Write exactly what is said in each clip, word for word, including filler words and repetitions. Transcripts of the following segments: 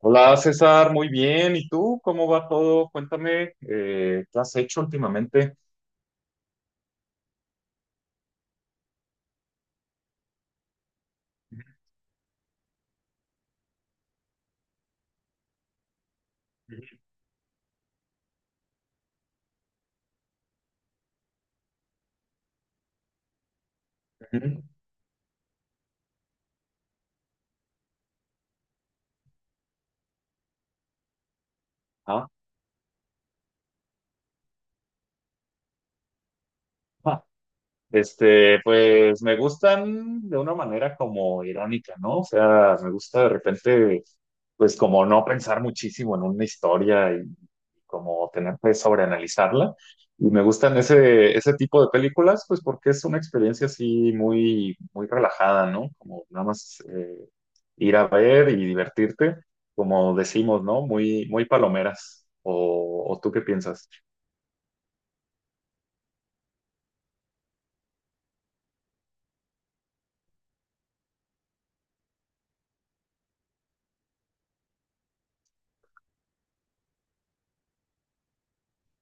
Hola César, muy bien. ¿Y tú? ¿Cómo va todo? Cuéntame, eh, ¿qué has hecho últimamente? Ujú. Ah. Este, pues me gustan de una manera como irónica, ¿no? O sea, me gusta de repente, pues como no pensar muchísimo en una historia y como tener que sobreanalizarla. Y me gustan ese, ese tipo de películas, pues porque es una experiencia así muy, muy relajada, ¿no? Como nada más eh, ir a ver y divertirte, como decimos, ¿no? Muy, muy palomeras. ¿O, o tú qué piensas?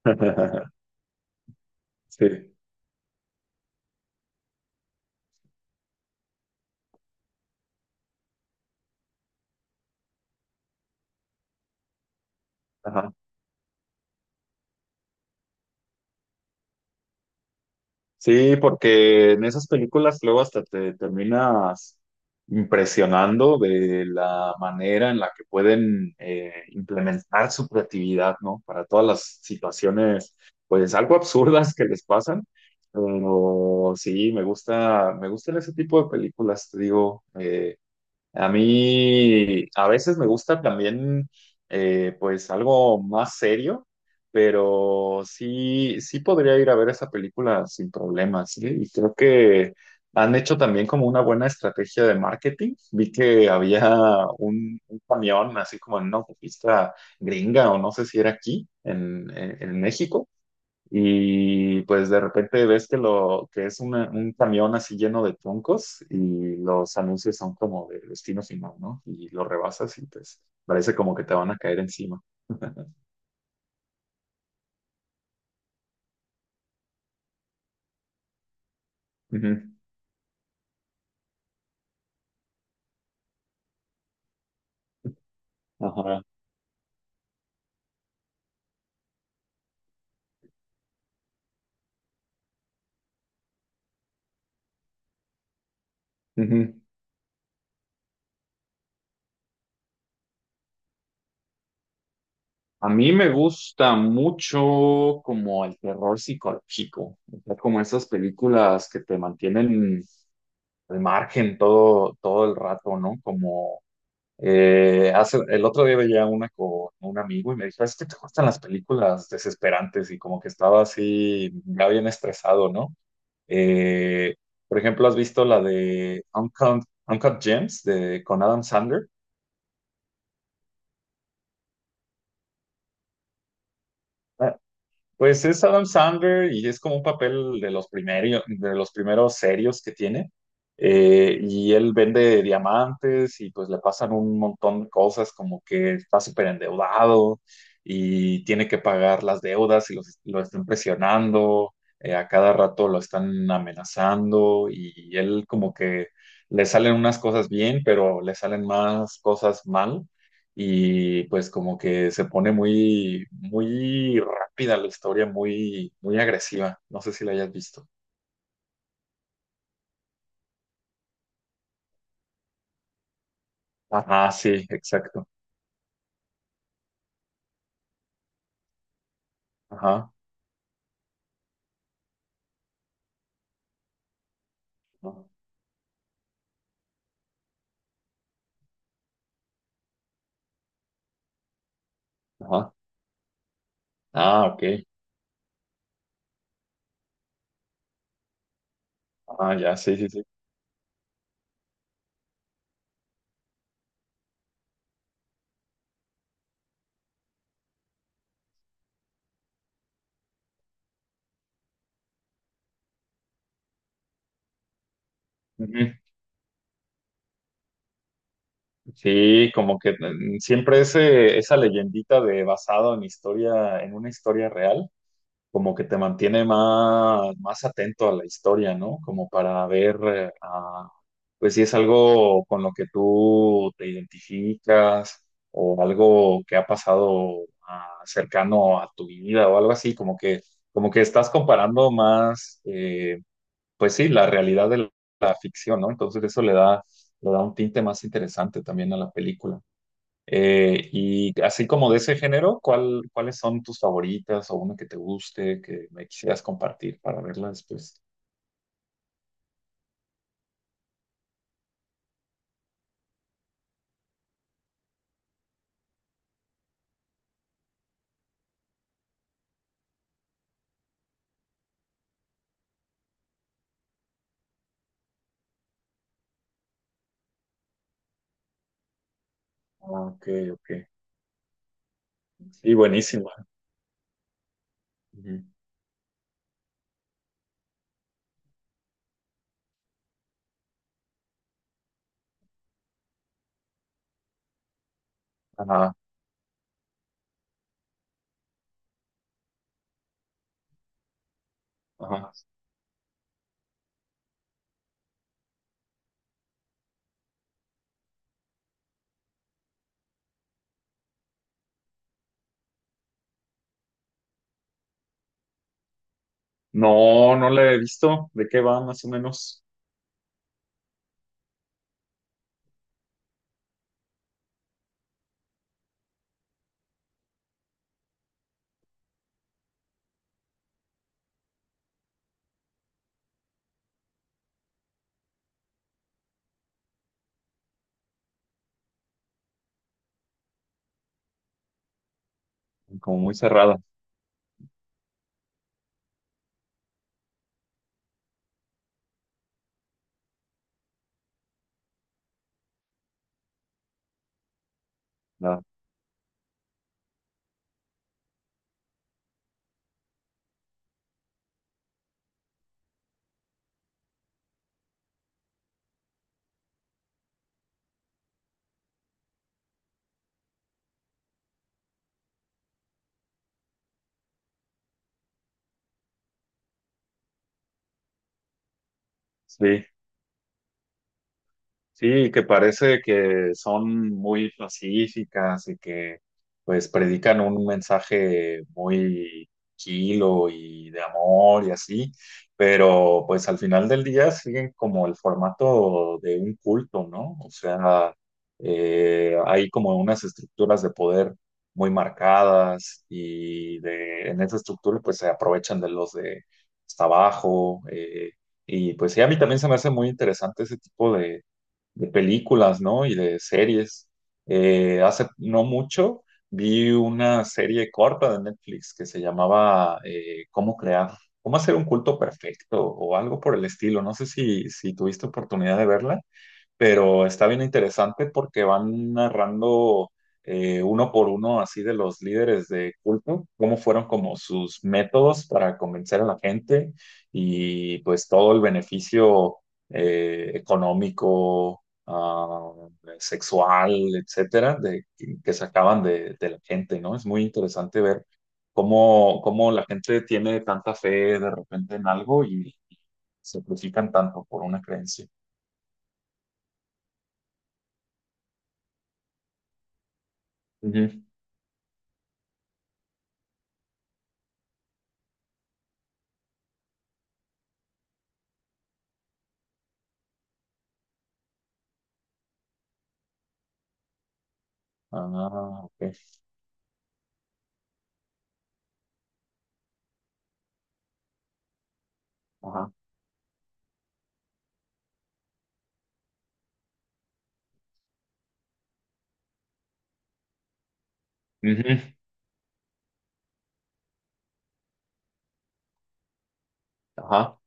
Sí. Sí, porque en esas películas luego hasta te terminas impresionando de la manera en la que pueden eh, implementar su creatividad, ¿no? Para todas las situaciones, pues algo absurdas que les pasan. Pero sí, me gusta, me gustan ese tipo de películas, te digo. Eh, a mí a veces me gusta también eh, pues algo más serio, pero sí, sí podría ir a ver esa película sin problemas, ¿sí? Y creo que han hecho también como una buena estrategia de marketing. Vi que había un, un camión así como en una autopista gringa o no sé si era aquí en, en en México y pues de repente ves que lo que es una- un camión así lleno de troncos y los anuncios son como de destino final, ¿no? Y lo rebasas y pues parece como que te van a caer encima. Ujú. Ajá. Ujú. A mí me gusta mucho como el terror psicológico, o sea, como esas películas que te mantienen al margen todo, todo el rato, ¿no? Como. Eh, hace, el otro día veía una con un amigo y me dijo, es que te gustan las películas desesperantes y como que estaba así, ya bien estresado, ¿no? Eh, por ejemplo, ¿has visto la de Uncut, Uncut Gems de, con Adam Sandler? Ah. Pues es Adam Sandler y es como un papel de los primeros, de los primeros serios que tiene. Eh, y él vende diamantes y pues le pasan un montón de cosas como que está súper endeudado y tiene que pagar las deudas y los- lo están presionando, eh, a cada rato lo están amenazando y él como que le salen unas cosas bien, pero le salen más cosas mal y pues como que se pone muy, muy rápida la historia, muy, muy agresiva. No sé si la hayas visto. Ah sí, exacto. Ajá. Ajá. Ah, ok. Ah, ya, sí, sí, sí. Ujú. Sí, como que mm, siempre ese, esa leyendita de basado en historia, en una historia real. Como que te mantiene más, más atento a la historia, ¿no? Como para ver, eh, ah, pues si es algo con lo que tú te identificas o algo que ha pasado ah, cercano a tu vida o algo así, como que, como que estás comparando más, eh, pues sí, la realidad de la ficción, ¿no? Entonces eso le da, le da un tinte más interesante también a la película. Eh, y así como de ese género, ¿cuál, ¿cuáles son tus favoritas o una que te guste, que me quisieras compartir para verla después? Ah. Ok, ok. Sí, buenísima. Ujú. Ajá, ajá. No, no la he visto. ¿De qué va más o menos? Como muy cerrada. la- Sí. Sí, que parece que son muy pacíficas y que pues predican un mensaje muy kilo y de amor y así, pero pues al final del día siguen como el formato de un culto, ¿no? O sea, eh, hay como unas estructuras de poder muy marcadas y de, en esa estructura pues se aprovechan de los de hasta abajo. Eh, y pues sí, a mí también se me hace muy interesante ese tipo de de películas, ¿no? Y de series. Eh, hace no mucho vi una serie corta de Netflix que se llamaba eh, ¿Cómo crear? ¿Cómo hacer un culto perfecto? O algo por el estilo. No sé si, si tuviste oportunidad de verla, pero está bien interesante porque van narrando eh, uno por uno así de los líderes de culto, cómo fueron como sus métodos para convencer a la gente y pues todo el beneficio eh, económico, ah, sexual, etcétera, de, que sacaban de, de la gente, ¿no? Es muy interesante ver cómo, cómo la gente tiene tanta fe de repente en algo y se sacrifican tanto por una creencia. Ujú. Ah, ok. Ajá. Ujú. Ajá.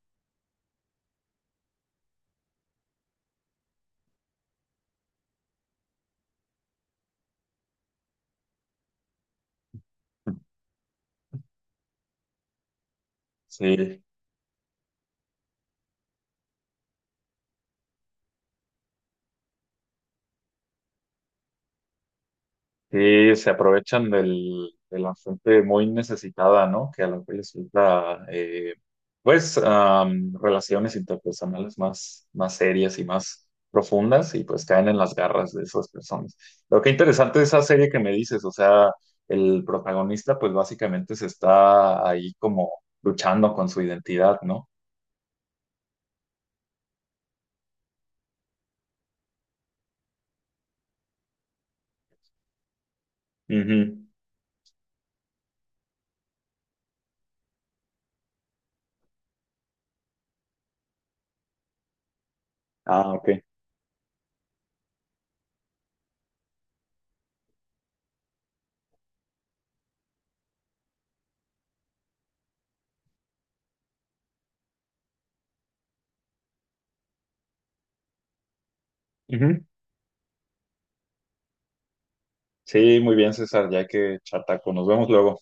Sí, sí, se aprovechan del, de la gente muy necesitada, ¿no? Que a lo que les gusta, eh, pues, am, relaciones interpersonales más, más serias y más profundas y pues caen en las garras de esas personas. Lo que interesante de esa serie que me dices, o sea, el protagonista pues básicamente se está ahí como luchando con su identidad, ¿no? Ujú. Ah, ok. Sí, muy bien, César, ya que chataco. Nos vemos luego.